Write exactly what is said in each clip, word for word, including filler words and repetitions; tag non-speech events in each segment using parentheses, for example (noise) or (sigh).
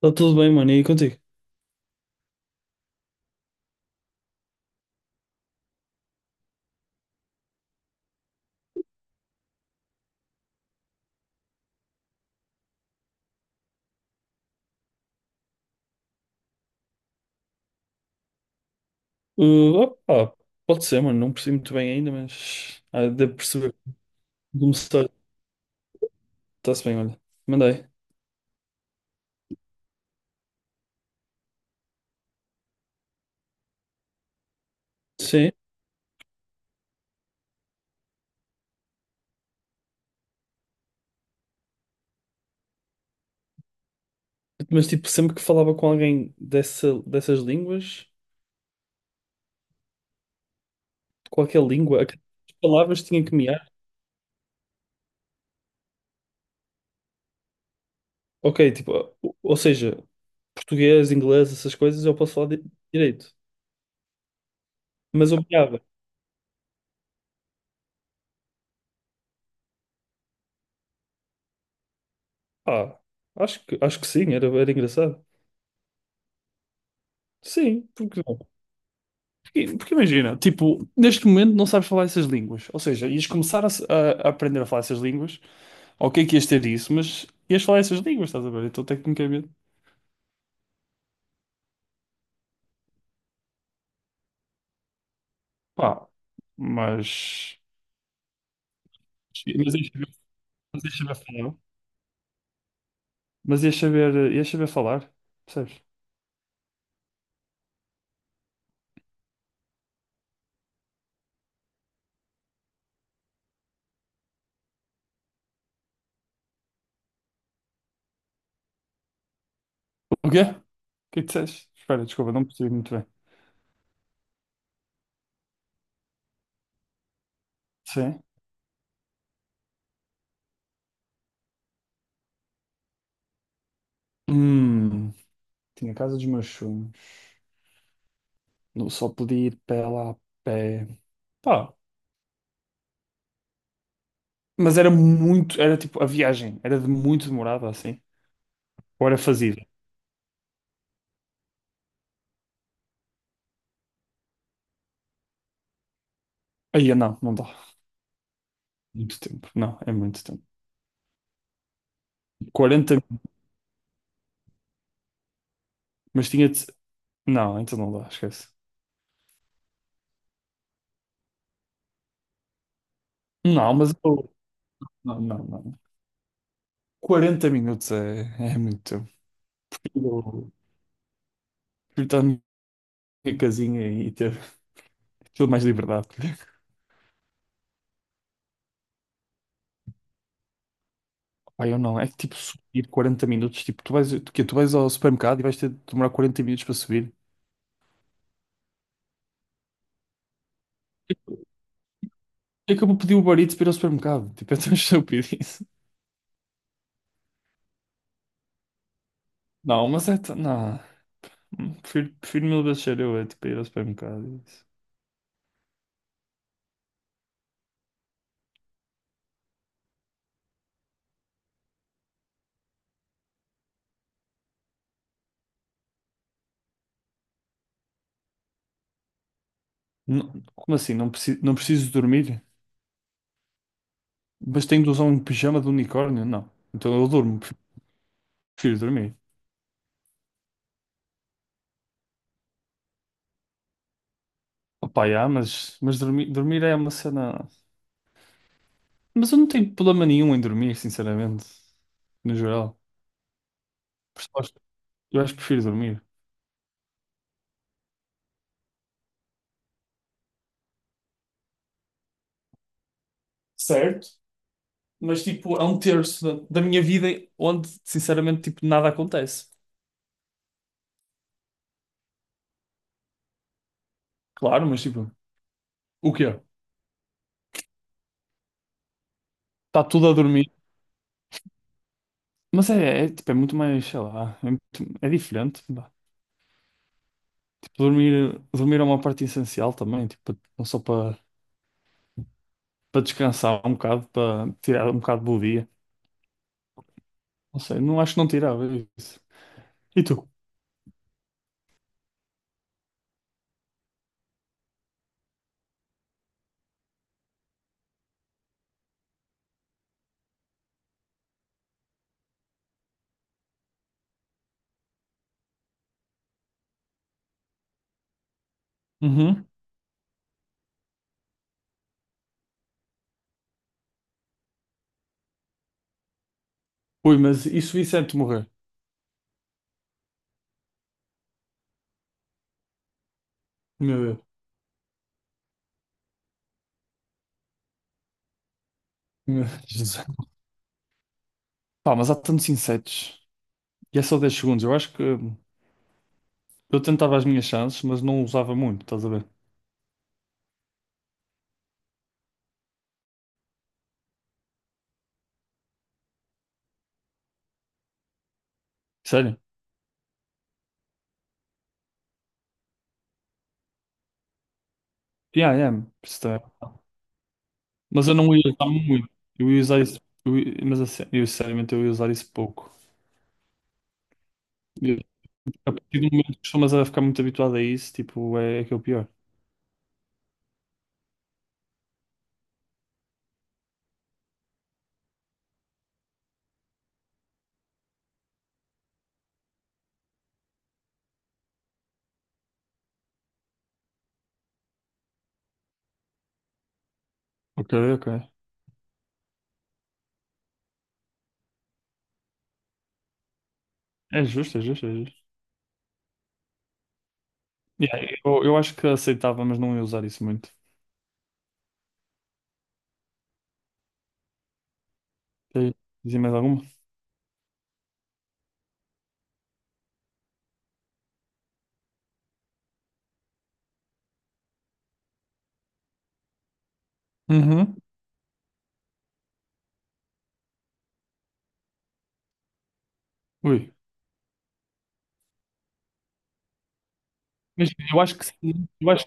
Está tudo bem, mano, e contigo? Uh, Opa, pode ser, mano, não percebi muito bem ainda, mas ah, devo perceber. Começar, está-se bem, olha. Mandei. Sim, mas tipo, sempre que falava com alguém dessa, dessas línguas, qualquer língua, aquelas palavras tinha que mear. Ok, tipo, ou, ou seja, português, inglês, essas coisas eu posso falar di- direito. Mas eu meava. Ah, acho que, acho que sim, era, era engraçado. Sim, porque não? Porque porque imagina, tipo, neste momento não sabes falar essas línguas. Ou seja, ias começar a, se- a- a aprender a falar essas línguas. Ok, que ias ter isso, mas ias falar essas línguas, estás a ver? Então, tecnicamente, pá, mas. Mas ias saber, mas ias saber falar. Mas ias saber, ias saber falar, percebes? O quê? O que é que disseste? Espera, desculpa, não percebi muito bem. Sim. Hum, Tinha a casa dos meus sonhos. Não só podia ir pé lá a pé. Pá, mas era muito, era tipo, a viagem era de muito demorada assim. Hora fazida. Aí, não, não dá. Muito tempo. Não, é muito tempo. Quarenta, mas tinha de... Não, então não dá, esquece. Não, mas eu... Não, não, não. Quarenta minutos é, é muito tempo. Eu fui estar na minha casinha e ter tudo mais liberdade. Pai, eu não. É que tipo subir quarenta minutos. Tipo, tu vais, tu, quê? Tu vais ao supermercado e vais ter de demorar quarenta minutos para subir. Tipo, é que eu vou pedir o Uber Eats para ir ao supermercado. Tipo, é tão (laughs) estúpido isso. Não, mas é tão- não. Prefiro, prefiro mil vezes ser eu, é tipo, ir ao supermercado. Não- como assim? Não preciso, não preciso dormir? Mas tenho de usar um pijama de unicórnio? Não. Então eu durmo, (laughs) prefiro dormir. Opa, já, mas, mas dormir, dormir é uma cena. Mas eu não tenho problema nenhum em dormir, sinceramente. No geral. Por eu acho eu acho que prefiro dormir. Certo, mas tipo, é um terço da, da minha vida onde, sinceramente, tipo, nada acontece. Claro, mas tipo, o quê? Está tudo a dormir. Mas é, é, tipo, é muito mais, sei lá, é, muito- é diferente. Dormir, dormir é uma parte essencial também, tipo, não só para para descansar um bocado, para tirar um bocado do dia. Não sei, não acho que não tirava isso. E tu? Uhum. Ui, mas e se o inseto morrer? Meu Deus. Meu Jesus. Pá, mas há tantos insetos. E é só dez segundos. Eu acho que hum, eu tentava as minhas chances, mas não usava muito, estás a ver? Sério? Yeah, yeah. Isso também. Mas eu não ia usar muito. Eu ia usar isso. Eu ia- mas assim, eu, sinceramente eu ia usar isso pouco. A partir do momento que costumas a ficar muito habituado a isso, tipo, é, é que é o pior. Ok, ok. É justo, é justo, é justo. Yeah, eu, eu acho que aceitava, mas não ia usar isso muito. Quer dizer mais alguma? Uhum. Ui. Mas eu acho que sim. Eu acho,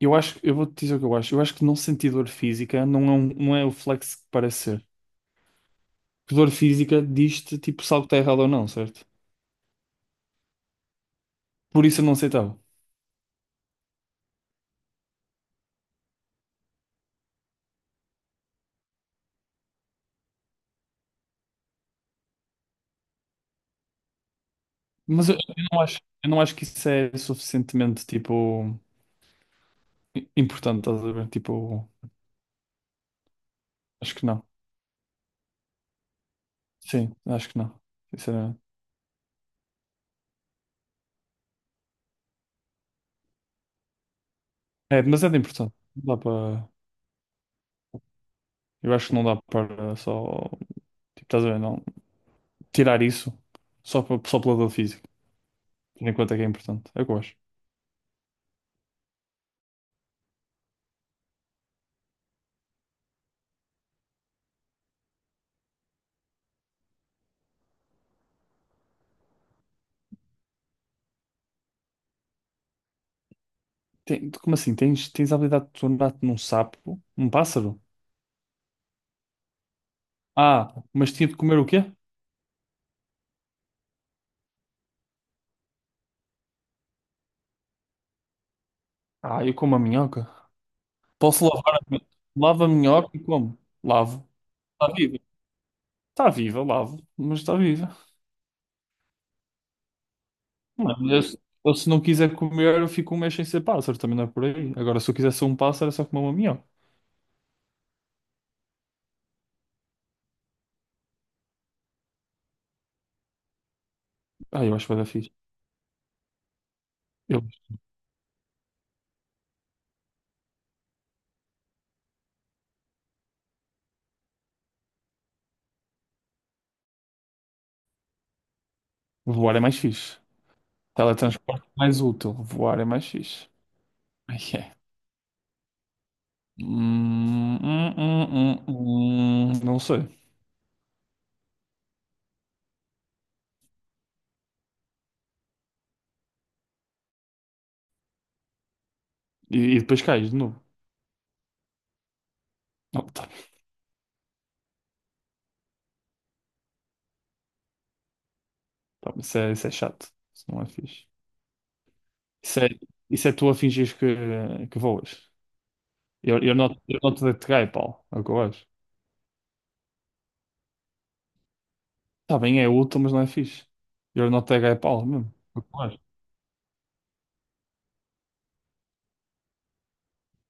eu acho, eu vou-te dizer o que eu acho. Eu acho que não sentir dor física não é, um- não é o flex que parece ser. Porque dor física diz-te, tipo, se algo está errado ou não, certo? Por isso eu não aceitava. Mas eu, eu não acho, eu não acho que isso é suficientemente, tipo, importante, estás a ver? Tipo, acho que não. Sim, acho que não, sinceramente. É demasiado importante. Não dá para. Eu acho que não dá para só. Tipo, estás a ver, não. Tirar isso só, para, só pelo lado físico. Tendo em conta que é importante. É o que eu acho. Tem- como assim? Tens, tens a habilidade de tornar-te num sapo? Um pássaro? Ah, mas tinha de comer o quê? Ah, eu como a minhoca. Posso lavar a minhoca? Lavo a minhoca e como? Lavo. Está viva. Está viva, lavo. Mas está viva. Mano, eu, se eu se não quiser comer, eu fico um mês sem ser pássaro, também não é por aí. Agora, se eu quiser ser um pássaro, é só comer uma minhoca. Ah, eu acho que vai dar fixe. Eu, Voar é mais fixe. Teletransporte é mais útil. Voar é mais fixe. Ai, é. Hum, hum, hum, hum, hum. Não sei. E, e depois cais de novo. Não, tá, tá, isso é, isso é chato. Isso não é fixe. Isso é, isso é tu a fingires que, que voas. Eu, eu não, eu não te dei pau. É o que eu acho. Tá bem, é útil, mas não é fixe. Eu não te dei pau mesmo. É o que eu acho.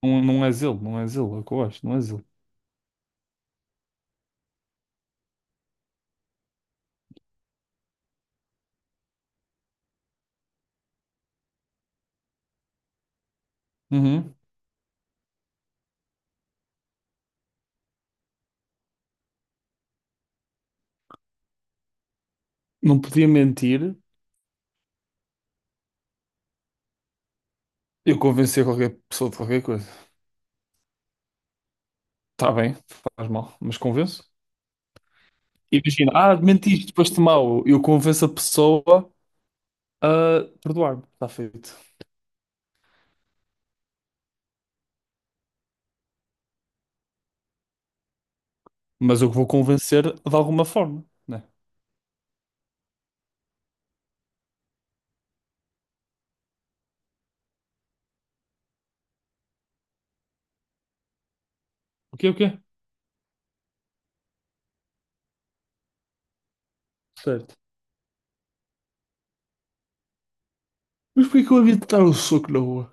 Não, não és ele, não és ele, é o que eu acho, não é zelo. Uhum. Não podia mentir, eu convencer qualquer pessoa de qualquer coisa. Está bem, faz mal, mas convenço. Imagina, ah, mentiste, foste mal. Eu convenço a pessoa a perdoar-me, está feito. Mas eu vou convencer de alguma forma, né? O quê, o quê? Certo. Mas por que eu havia de dar o soco na rua?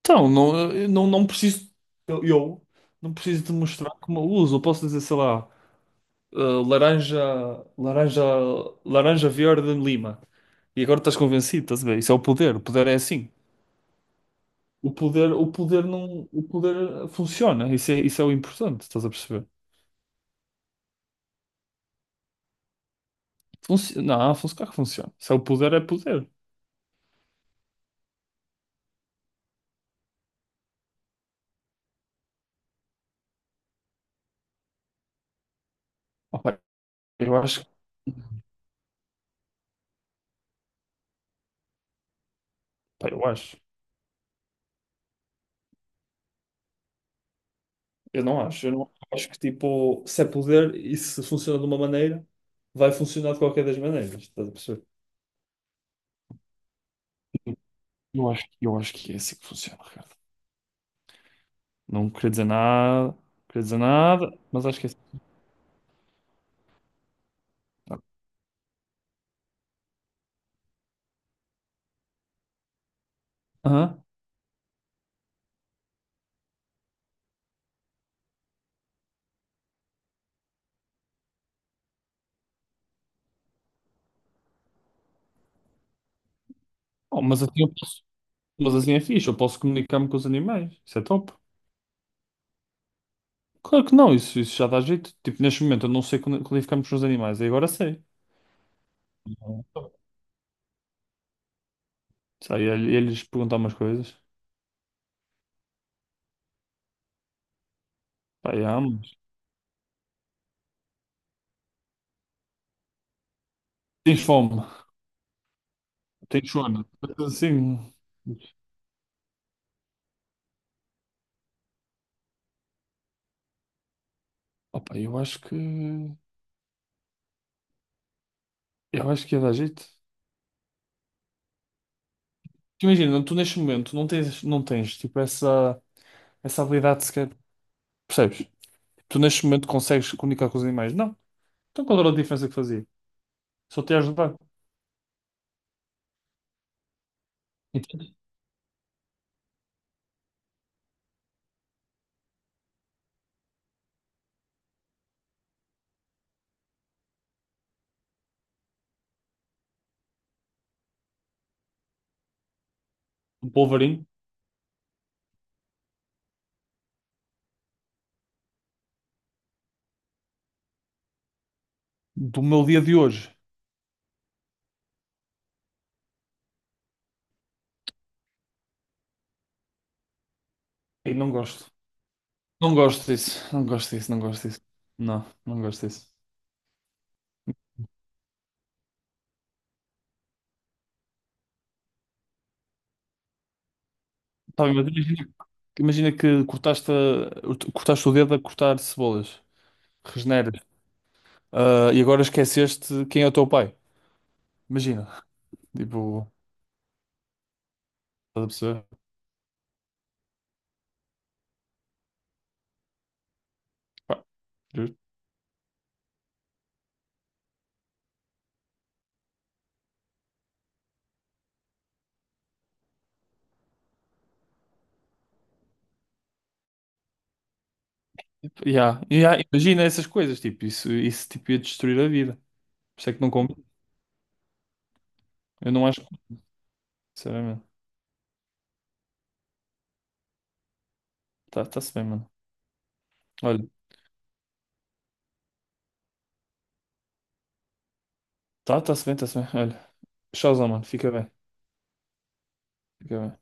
Então, não, eu não, não preciso, eu, eu não preciso demonstrar como eu uso. Eu posso dizer, sei lá. Uh, laranja, laranja, laranja verde lima. E agora estás convencido, estás a ver? Isso é o poder, o poder é assim. O poder, o poder não, o poder funciona, isso é, isso é o importante, estás a perceber? Funci não, func Claro que funciona. Se é o poder, é poder. Opa, eu acho, pá, eu acho, eu não acho, eu não acho que tipo, se é poder e se funciona de uma maneira, vai funcionar de qualquer das maneiras, estás a perceber? Eu acho, eu acho que é assim que funciona, Ricardo. Não queria dizer nada, não queria dizer nada, mas acho que é assim. Aham. Oh, mas assim eu posso, mas assim é fixe, eu posso comunicar-me com os animais. Isso é top. Claro que não, isso, isso já dá jeito. Tipo, neste momento eu não sei quando- qualificar-me com os animais, e agora sei. Sei, eles perguntar umas coisas. Pá, já, mas tens fome, tens sono. Assim, opa, eu acho que eu acho que ia dar jeito. Tu imagina, tu neste momento não tens, não tens tipo essa, essa habilidade sequer, percebes? Tu neste momento consegues comunicar com os animais. Não. Então qual era a diferença que fazia? Só te ia ajudar. Entende? Um polvarinho do meu dia de hoje. E não gosto. Não gosto disso. Não gosto disso, não gosto disso. Não, não gosto disso. Tá bem, mas imagina, imagina que cortaste, a- cortaste o dedo a cortar cebolas. Regeneras. Ah, e agora esqueceste quem é o teu pai. Imagina. Tipo, estás a perceber? Pá, justo. Yeah, yeah, imagina essas coisas. Tipo, isso, isso tipo, ia destruir a vida. Por isso é que não combina. Eu não acho. que- Sinceramente. Tá, tá-se bem, mano. Olha. Tá, tá-se bem, tá-se bem. Olha, tchauzão, mano. Fica bem. Fica bem.